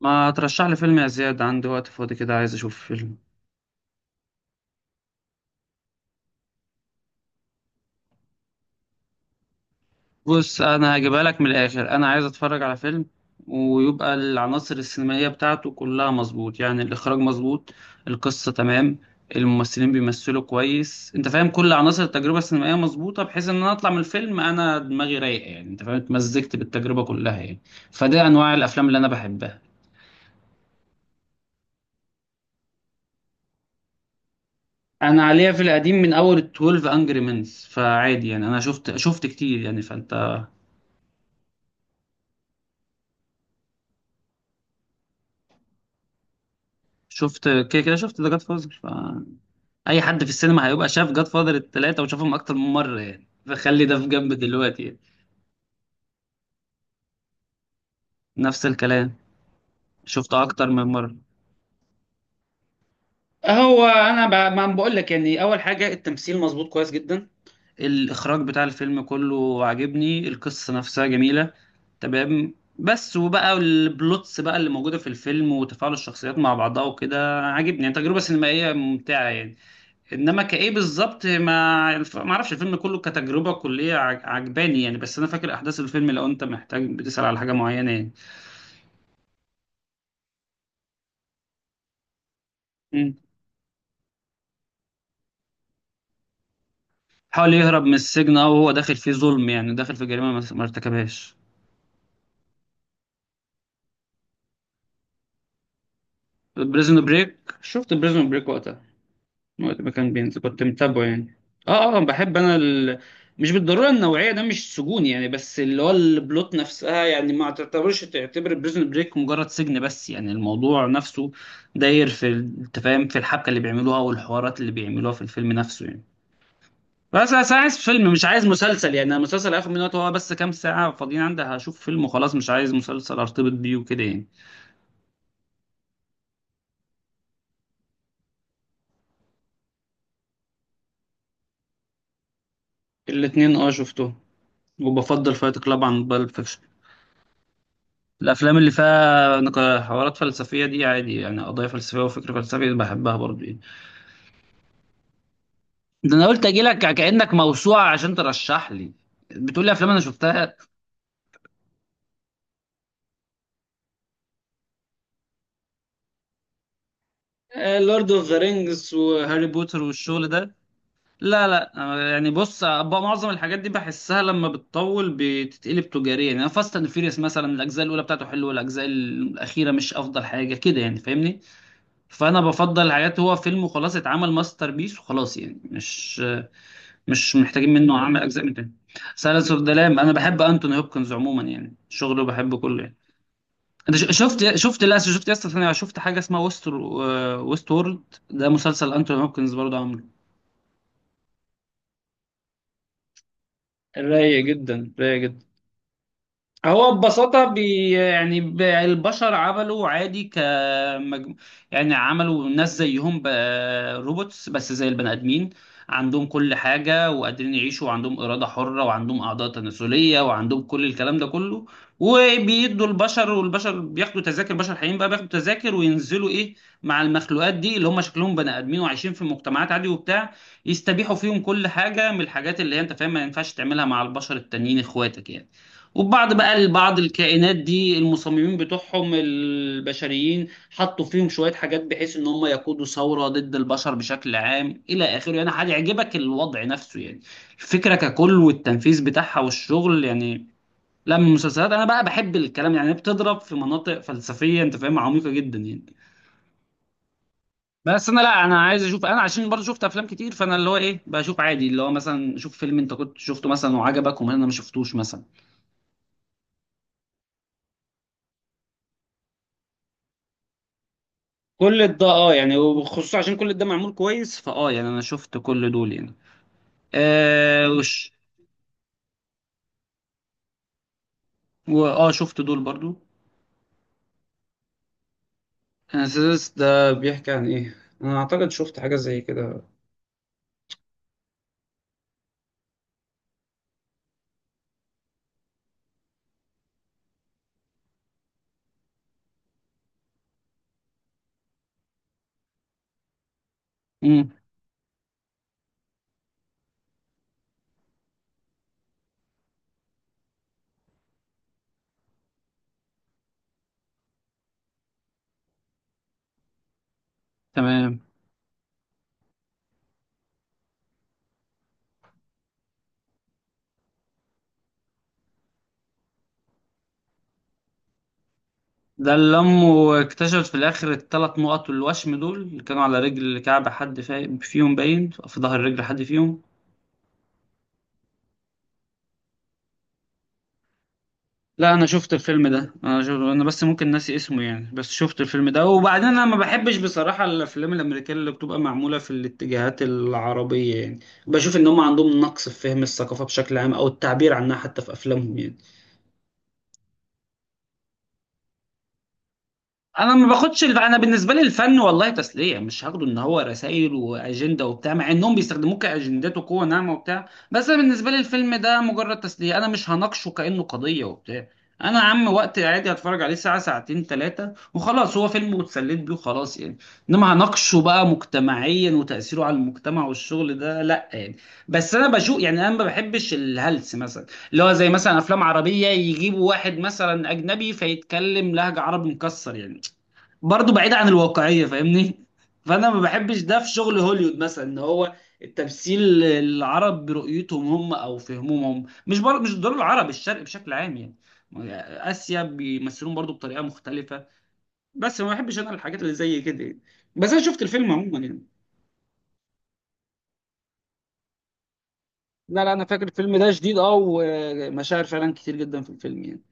ما ترشح لي فيلم يا زياد؟ عندي وقت فاضي كده، عايز اشوف فيلم. بص انا هجيبها لك من الاخر، انا عايز اتفرج على فيلم ويبقى العناصر السينمائيه بتاعته كلها مظبوط، يعني الاخراج مظبوط، القصه تمام، الممثلين بيمثلوا كويس، انت فاهم؟ كل عناصر التجربه السينمائيه مظبوطه بحيث ان انا اطلع من الفيلم انا دماغي رايقه، يعني انت فاهم اتمزجت بالتجربه كلها يعني. فده انواع الافلام اللي انا بحبها. انا عليها في القديم من اول 12 انجري منز، فعادي يعني. انا شفت كتير يعني، فانت شفت. كده كده شفت ذا جاد فاذر، فأي حد في السينما هيبقى شاف جاد فاذر التلاتة وشافهم أكتر من مرة يعني، فخلي ده في جنب دلوقتي يعني. نفس الكلام، شفته أكتر من مرة. هو انا ما بقول لك يعني، اول حاجه التمثيل مظبوط كويس جدا، الإخراج بتاع الفيلم كله عاجبني، القصة نفسها جميلة تمام، بس وبقى البلوتس بقى اللي موجودة في الفيلم وتفاعل الشخصيات مع بعضها وكده عاجبني، يعني تجربة سينمائية ممتعة يعني. انما كايه بالظبط ما اعرفش الفيلم كله كتجربه كليه عجباني يعني، بس انا فاكر احداث الفيلم لو انت محتاج بتسال على حاجه معينه يعني. مم. حاول يهرب من السجن او هو داخل فيه ظلم، يعني داخل في جريمه ما ارتكبهاش. بريزون بريك، شفت بريزون بريك وقتها، وقت ما كان بينزل كنت متابعه يعني. اه، اه، بحب انا ال... مش بالضروره النوعيه ده مش سجون يعني، بس اللي هو البلوت نفسها. يعني ما تعتبرش تعتبر بريزن بريك مجرد سجن بس، يعني الموضوع نفسه داير انت فاهم في الحبكه اللي بيعملوها والحوارات اللي بيعملوها في الفيلم نفسه يعني. بس انا عايز فيلم، مش عايز مسلسل، يعني انا المسلسل هاخد منه وقت، هو بس كام ساعه فاضيين عندي، هشوف فيلم وخلاص، مش عايز مسلسل ارتبط بيه وكده يعني. الاتنين اه شفتهم، وبفضل فايت كلاب عن بالب فيكشن. الافلام اللي فيها حوارات فلسفيه دي عادي يعني، قضايا فلسفيه وفكر فلسفي بحبها برضه يعني. ده انا قلت اجي لك كانك موسوعه عشان ترشح لي، بتقول لي افلام انا شفتها. لورد اوف ذا رينجز وهاري بوتر والشغل ده. لا، لا، يعني بص بقى معظم الحاجات دي بحسها لما بتطول بتتقلب تجاريا، يعني فاست اند فيريوس مثلا الاجزاء الاولى بتاعته حلوه والاجزاء الاخيره مش افضل حاجه كده، يعني فاهمني. فانا بفضل الحاجات هو فيلم وخلاص، اتعمل ماستر بيس وخلاص يعني، مش محتاجين منه عمل اجزاء من تاني. سايلنس اوف ذا لام، انا بحب انتوني هوبكنز عموما، يعني شغله بحبه كله يعني. انت ش- شفت شفت لا شفت يا اسطى، ثانية، شفت حاجه اسمها ويست وورلد. ده مسلسل انتوني هوبكنز برضه عامله. رايق جدا، رايق جدا. هو ببساطة البشر عملوا عادي ك... يعني عملوا ناس زيهم ب-... روبوتس بس زي البني آدمين، عندهم كل حاجة وقادرين يعيشوا وعندهم إرادة حرة وعندهم أعضاء تناسلية وعندهم كل الكلام ده كله. وبيدوا البشر، والبشر بياخدوا تذاكر، البشر الحقيقيين بقى بياخدوا تذاكر وينزلوا إيه مع المخلوقات دي اللي هم شكلهم بني آدمين وعايشين في مجتمعات عادي وبتاع، يستبيحوا فيهم كل حاجة من الحاجات اللي هي أنت فاهم ما ينفعش تعملها مع البشر التانيين إخواتك يعني. وبعض بقى بعض الكائنات دي المصممين بتوعهم البشريين حطوا فيهم شوية حاجات بحيث ان هم يقودوا ثورة ضد البشر بشكل عام الى اخره، يعني هيعجبك الوضع نفسه يعني. الفكرة ككل والتنفيذ بتاعها والشغل يعني. لا، من المسلسلات انا بقى بحب الكلام يعني، بتضرب في مناطق فلسفية انت فاهمها عميقة جدا يعني. بس انا لا، انا عايز اشوف انا عشان برضه شفت افلام كتير، فانا اللي هو ايه بشوف عادي اللي هو مثلا شوف فيلم انت كنت شفته مثلا وعجبك وما انا ما شفتوش مثلا. كل ده اه يعني، وخصوصا عشان كل ده معمول كويس فاه يعني، انا شفت كل دول يعني. آه وش... واه شفت دول برضو. انسيدس ده بيحكي عن ايه؟ انا اعتقد شفت حاجة زي كده. امم، تمام. ده اللي امه اكتشفت في الاخر الثلاث نقط الوشم دول اللي كانوا على رجل كعب حد فيهم، باين في ظهر رجل حد فيهم. لا، انا شفت الفيلم ده، انا شفت... انا بس ممكن ناسي اسمه يعني، بس شفت الفيلم ده، وبعدين انا ما بحبش بصراحة الافلام الامريكية اللي بتبقى معمولة في الاتجاهات العربية يعني، بشوف ان هم عندهم نقص في فهم الثقافة بشكل عام او التعبير عنها حتى في افلامهم يعني. انا ما باخدش الف... انا بالنسبه لي الفن والله تسليه، مش هاخده ان هو رسائل واجنده وبتاع، مع انهم بيستخدموه كاجندات وقوه ناعمه وبتاع، بس أنا بالنسبه لي الفيلم ده مجرد تسليه، انا مش هناقشه كانه قضيه وبتاع. انا يا عم وقت عادي هتفرج عليه ساعه ساعتين ثلاثه وخلاص، هو فيلم واتسليت بيه وخلاص يعني. انما هناقشه بقى مجتمعيا وتاثيره على المجتمع والشغل ده لا يعني. بس انا بشوف يعني، انا ما بحبش الهلس مثلا، اللي هو زي مثلا افلام عربيه يجيبوا واحد مثلا اجنبي فيتكلم لهجه عربي مكسر يعني، برضه بعيدة عن الواقعية فاهمني. فأنا ما بحبش ده في شغل هوليوود مثلا، إن هو التمثيل العرب برؤيتهم هم أو فهمهم هم مش بر... مش دول العرب، الشرق بشكل عام يعني. آسيا بيمثلون برضه بطريقة مختلفة. بس ما بحبش أنا الحاجات اللي زي كده يعني. بس أنا شفت الفيلم عموما يعني. لا، لا، أنا فاكر الفيلم ده شديد أه، ومشاعر فعلا كتير جدا في الفيلم يعني.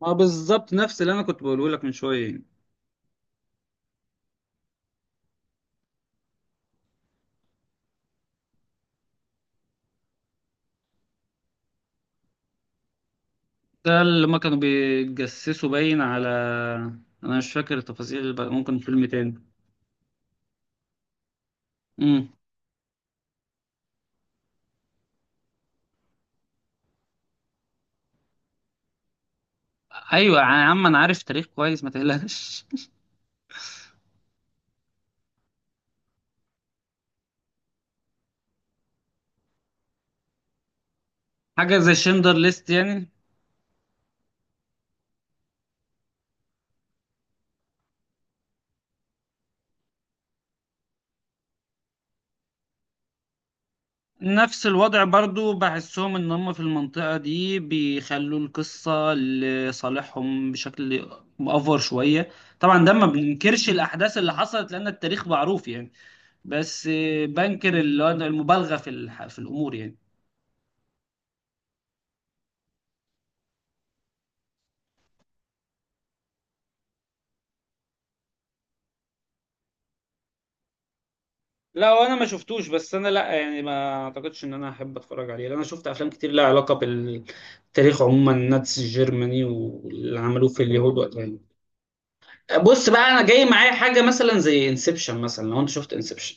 ما بالظبط نفس اللي أنا كنت بقوله لك من شوية يعني. ده اللي ما كانوا بيتجسسوا باين على... انا مش فاكر التفاصيل بقى، ممكن فيلم تاني. امم. ايوه يا عم، انا عارف تاريخ كويس ما تقلقش. حاجه زي شندر ليست يعني. نفس الوضع برضو، بحسهم ان هم في المنطقه دي بيخلوا القصه لصالحهم بشكل مأفور شويه. طبعا ده ما بننكرش الاحداث اللي حصلت لان التاريخ معروف يعني. بس بنكر اللي هو المبالغه في الامور يعني. لا، وانا ما شفتوش، بس انا لا يعني ما اعتقدش ان انا احب اتفرج عليه، لان انا شفت افلام كتير لها علاقه بالتاريخ عموما، الناتس الجرماني واللي عملوه في اليهود وقتها يعني. بص بقى انا جاي معايا حاجه مثلا زي انسبشن مثلا، لو انت شفت انسبشن،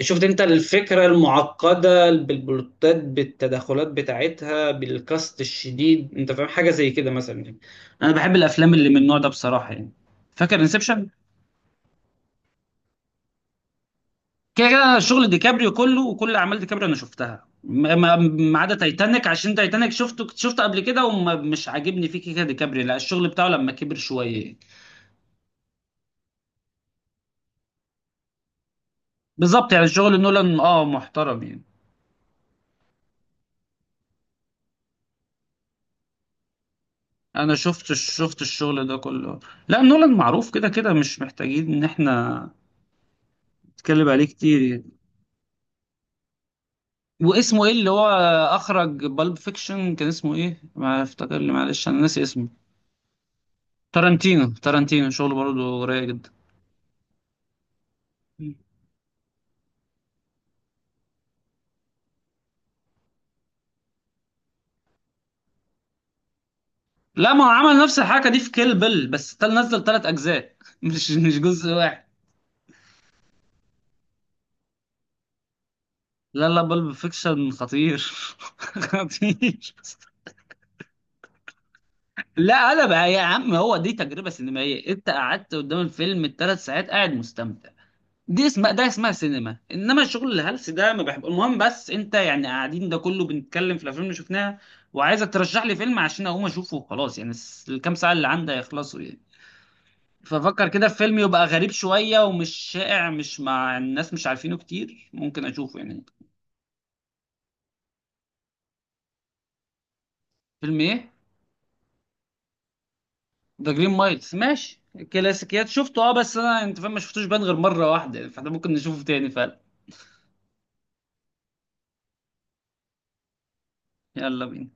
شفت انت الفكره المعقده بالبلوتات بالتدخلات بتاعتها بالكاست الشديد، انت فاهم حاجه زي كده مثلا يعني. انا بحب الافلام اللي من النوع ده بصراحه يعني. فاكر انسبشن. كده كده انا شغل ديكابريو كله وكل اعمال ديكابريو انا شفتها، ما عدا تايتانيك، عشان تايتانيك شفته قبل كده ومش عاجبني فيه كده، ديكابريو لا الشغل بتاعه لما كبر شويه يعني. بالظبط يعني شغل نولان اه محترم يعني. انا شفت الشغل ده كله. لا، نولان معروف كده كده، مش محتاجين ان احنا نتكلم عليه كتير يعني. واسمه ايه اللي هو اخرج بالب فيكشن؟ كان اسمه ايه ما افتكر لي؟ معلش انا ناسي اسمه. تارانتينو، تارانتينو شغله برضه رايق جدا. لا، ما هو عمل نفس الحركه دي في كيل بيل، بس تل نزل ثلاث اجزاء مش جزء واحد. لا، لا، بلب فيكشن خطير. خطير. لا قلب يا عم، هو دي تجربه سينمائيه، انت قعدت قدام الفيلم الثلاث ساعات قاعد مستمتع. دي اسمها، ده اسمها سينما، انما الشغل الهلس ده ما بحب. المهم، بس انت يعني قاعدين ده كله بنتكلم في الافلام اللي شفناها، وعايزك ترشح لي فيلم عشان اقوم اشوفه وخلاص يعني، الكام ساعه اللي عندي هيخلصوا يعني. ففكر كده في فيلم يبقى غريب شوية ومش شائع مش مع الناس مش عارفينه كتير ممكن اشوفه يعني. فيلم ايه؟ ذا جرين مايلز ماشي. كلاسيكيات، شفته اه، بس انا انت فاهم ما شفتوش بان غير مرة واحدة، فاحنا ممكن نشوفه تاني فعلا. يلا بينا.